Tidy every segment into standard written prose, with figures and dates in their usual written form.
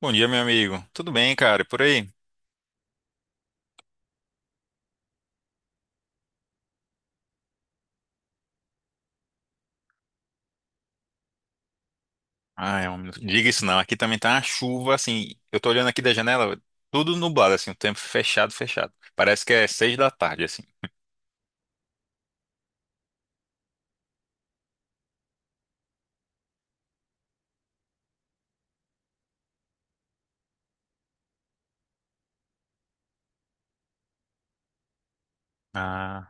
Bom dia, meu amigo. Tudo bem, cara? E por aí? Ah, é um... minuto. Diga isso não. Aqui também tá uma chuva, assim. Eu tô olhando aqui da janela, tudo nublado, assim, o tempo fechado, fechado. Parece que é seis da tarde, assim. Ah.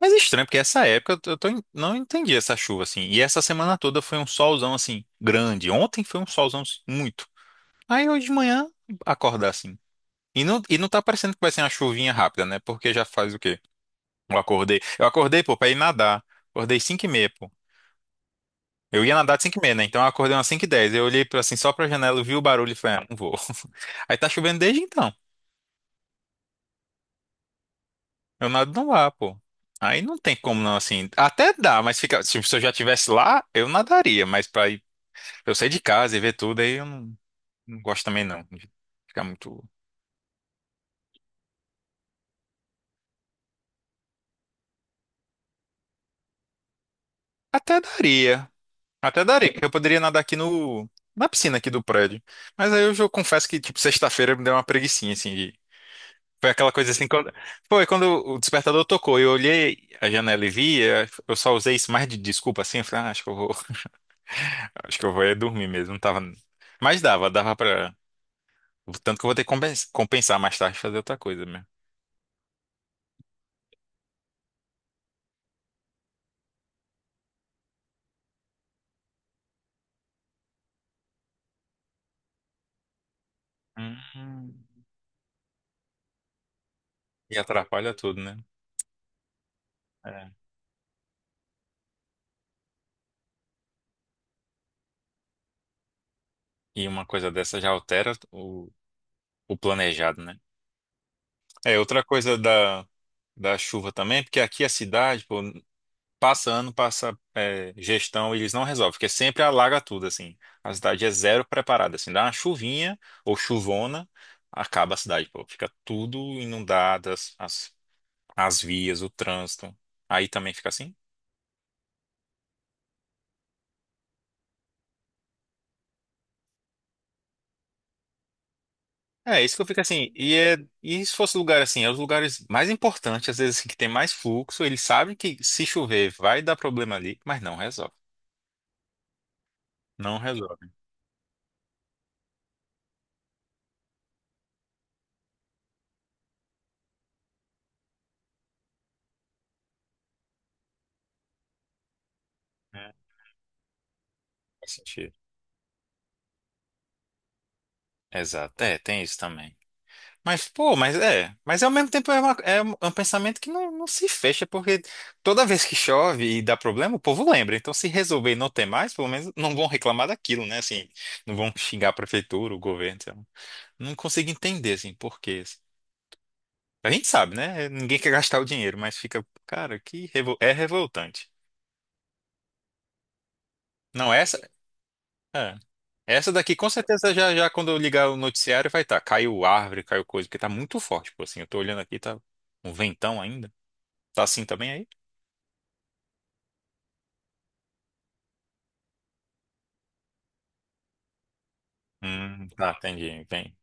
Mas é estranho, porque essa época não entendi essa chuva, assim. E essa semana toda foi um solzão, assim, grande. Ontem foi um solzão, assim, muito. Aí hoje de manhã, acordar, assim. E não tá parecendo que vai ser uma chuvinha rápida, né? Porque já faz o quê? Eu acordei, pô, pra ir nadar. Acordei cinco e meia, pô. Eu ia nadar de 5 e meia, né? Então eu acordei umas 5 e 10. Eu olhei pra, assim, só pra janela, eu vi o barulho e falei, ah, não vou. Aí tá chovendo desde então. Eu nado não lá, pô. Aí não tem como não, assim. Até dá, mas fica. Se se eu já estivesse lá, eu nadaria. Mas pra ir, eu sair de casa e ver tudo, aí eu não, não gosto também, não. De ficar muito. Até daria. Até daria, porque eu poderia nadar aqui no. Na piscina aqui do prédio. Mas aí eu, já confesso que, tipo, sexta-feira me deu uma preguicinha, assim, de foi aquela coisa assim, quando... Foi quando o despertador tocou, eu olhei a janela e vi, eu só usei isso mais de desculpa assim, eu falei, ah, acho que eu vou, acho que eu vou é dormir mesmo, não tava... Mas dava, dava pra... Tanto que eu vou ter que compensar mais tarde, fazer outra coisa mesmo. Hum. E atrapalha tudo, né? É. E uma coisa dessa já altera o planejado, né? É, outra coisa da, da chuva também, porque aqui a cidade, pô, passa ano, passa é, gestão, eles não resolvem, porque sempre alaga tudo, assim. A cidade é zero preparada, assim, dá uma chuvinha ou chuvona, acaba a cidade, pô. Fica tudo inundado, as vias, o trânsito. Aí também fica assim. É, isso que eu fico assim. E, é, e se fosse lugar assim, é os lugares mais importantes, às vezes, assim, que tem mais fluxo, eles sabem que se chover vai dar problema ali, mas não resolve. Não resolve. Né? Faz sentido. Exato. É, tem isso também. Mas, pô, mas é. Mas ao mesmo tempo é, é um pensamento que não, não se fecha, porque toda vez que chove e dá problema, o povo lembra. Então, se resolver e não ter mais, pelo menos não vão reclamar daquilo, né? Assim, não vão xingar a prefeitura, o governo. Sei lá. Não consigo entender, assim, por quê. Assim. A gente sabe, né? Ninguém quer gastar o dinheiro, mas fica, cara, que é revoltante. Não, essa. É. Essa daqui, com certeza, já, já quando eu ligar o noticiário, vai estar. Caiu árvore, caiu coisa, porque tá muito forte, pô, assim. Eu tô olhando aqui, tá um ventão ainda. Tá assim também aí? Tá, entendi, entendi.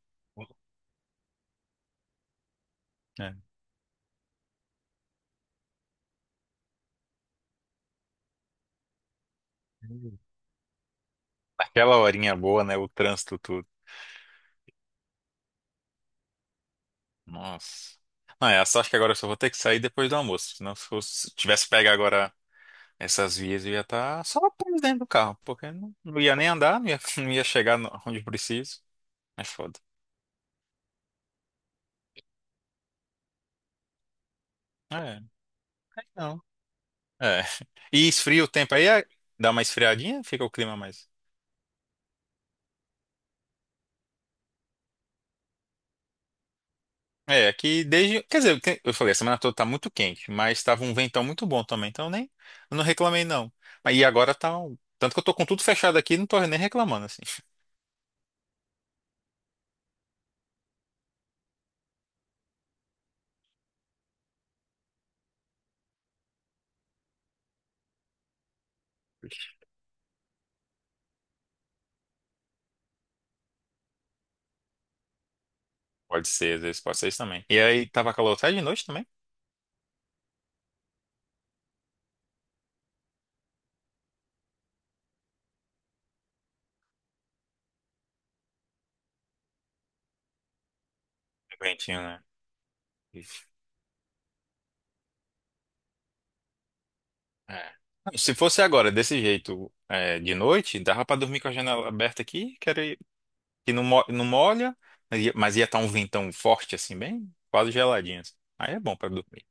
É. Aquela horinha boa, né? O trânsito tudo. Nossa. Não, é, só acho que agora eu só vou ter que sair depois do almoço. Senão se tivesse pego agora essas vias, eu ia estar só preso dentro do carro. Porque não, não ia nem andar, não ia, não ia chegar onde preciso. É foda. É, não. É. E esfria o tempo aí, é- dá uma esfriadinha, fica o clima mais. É, aqui desde. Quer dizer, que- eu falei, a semana toda tá muito quente, mas tava um ventão muito bom também, então eu nem. Eu não reclamei, não. Mas agora tá. Tanto que eu tô com tudo fechado aqui, não tô nem reclamando, assim. Pode ser, às vezes pode ser isso também. E aí tava calor até de noite também? Ventinho, né? Isso. É. Não, se fosse agora, desse jeito, é, de noite, dava pra dormir com a janela aberta aqui, que, era, que não, não molha, mas ia tá um ventão forte, assim, bem quase geladinho. Assim. Aí é bom pra dormir.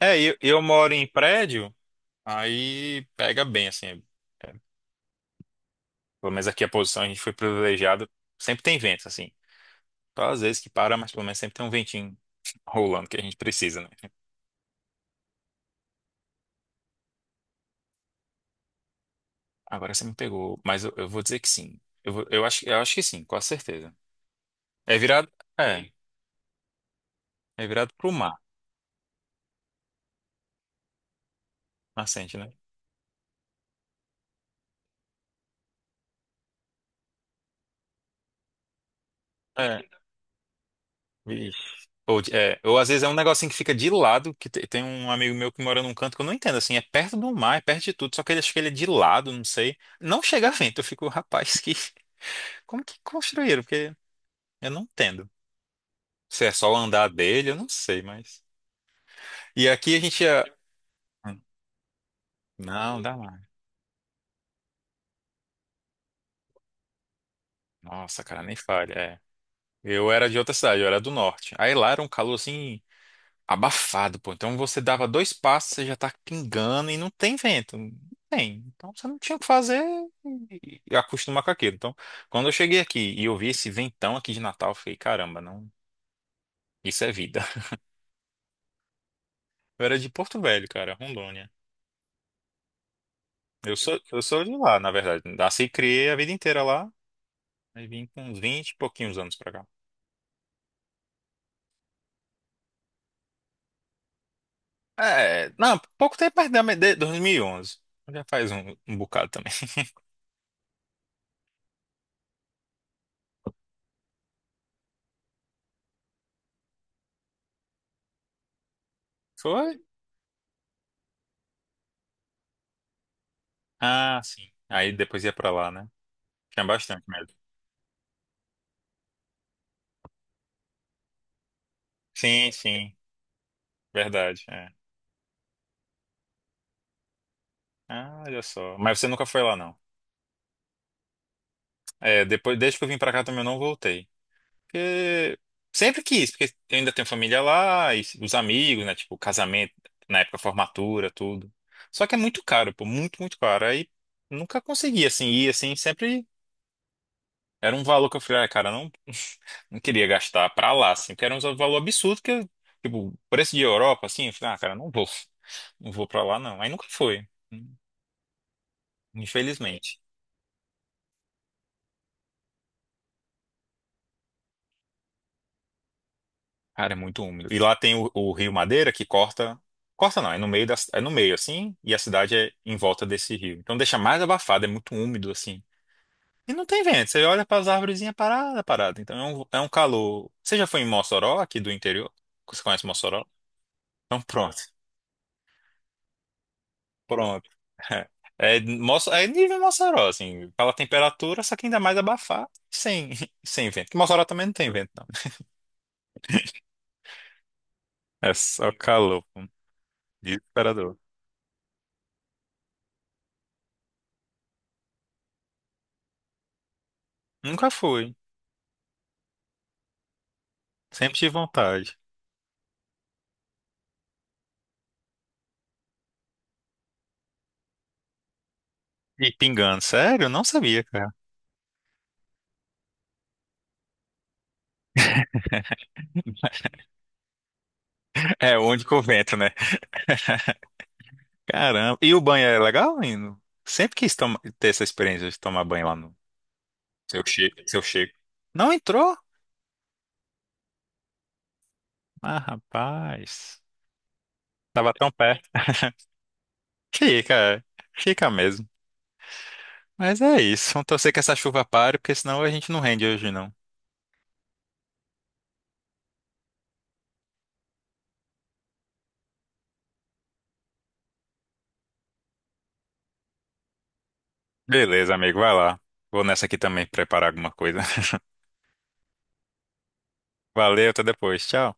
É, eu moro em prédio. Aí pega bem, assim. Pelo menos aqui a posição a gente foi privilegiado. Sempre tem vento, assim. Só às vezes que para, mas pelo menos sempre tem um ventinho rolando que a gente precisa, né? Agora você me pegou, mas eu vou dizer que sim. Eu acho que sim, com certeza. É virado, é, é virado pro mar, nascente, né? É, vixe. Ou, de- é, ou às vezes é um negocinho que fica de lado, que tem um amigo meu que mora num canto que eu não entendo, assim, é perto do mar, é perto de tudo, só que ele acha que ele é de lado, não sei. Não chega vento, eu fico, rapaz, que, como que construíram? Porque eu não entendo. Se é só o andar dele, eu não sei, mas. E aqui a gente ia. Hum, Não, dá lá. Nossa, cara, nem falha. É. Eu era de outra cidade, eu era do norte. Aí lá era um calor assim, abafado, pô. Então você dava dois passos, você já tá pingando e não tem vento. Não tem. Então você não tinha o que fazer e acostumar com aquilo. Então, quando eu cheguei aqui e eu vi esse ventão aqui de Natal, eu fiquei, caramba, não. Isso é vida. Eu era de Porto Velho, cara, Rondônia. Eu sou de lá, na verdade. Nasci e criei a vida inteira lá. Aí vim com uns 20 e pouquinhos anos pra cá. É, não, pouco tempo, mas da- de 2011. Já faz um bocado também. Foi? Ah, sim. Aí depois ia pra lá, né? Tinha bastante medo. Sim, sim. Verdade, é. Ah, olha só. Mas você nunca foi lá, não. É, depois, desde que eu vim pra cá também eu não voltei. Porque sempre quis, porque eu ainda tenho família lá, e os amigos, né? Tipo, casamento, na época formatura, tudo. Só que é muito caro, pô, muito, muito caro. Aí nunca consegui, assim, ir, assim, sempre era um valor que eu falei, ah, cara, eu não, não queria gastar pra lá, assim, porque era um valor absurdo que, eu, tipo, preço de Europa, assim, eu falei, ah, cara, não vou, não vou pra lá, não. Aí nunca foi, infelizmente. Cara, é muito úmido. E lá tem o Rio Madeira que corta, corta não, é no meio da, é no meio, assim, e a cidade é em volta desse rio. Então deixa mais abafado, é muito úmido, assim. E não tem vento, você olha para as arvorezinhas parada, é parada. Então é um calor. Você já foi em Mossoró, aqui do interior? Você conhece Mossoró? Então pronto. Pronto. É, é nível Mossoró, assim, pela temperatura, só que ainda mais abafado sem, sem vento. Que Mossoró também não tem vento, não. É só calor, pô. Desesperador. Nunca fui, sempre tive vontade. E pingando, sério? Não sabia, cara. É, o único vento, né? Caramba. E o banho é legal, Lino? Sempre quis ter essa experiência de tomar banho lá no seu Chico. Seu Chico. Não entrou? Ah, rapaz. Tava tão perto. Fica, é. Fica mesmo. Mas é isso. Vamos torcer que essa chuva pare, porque senão a gente não rende hoje, não. Beleza, amigo, vai lá. Vou nessa aqui também preparar alguma coisa. Valeu, até depois. Tchau.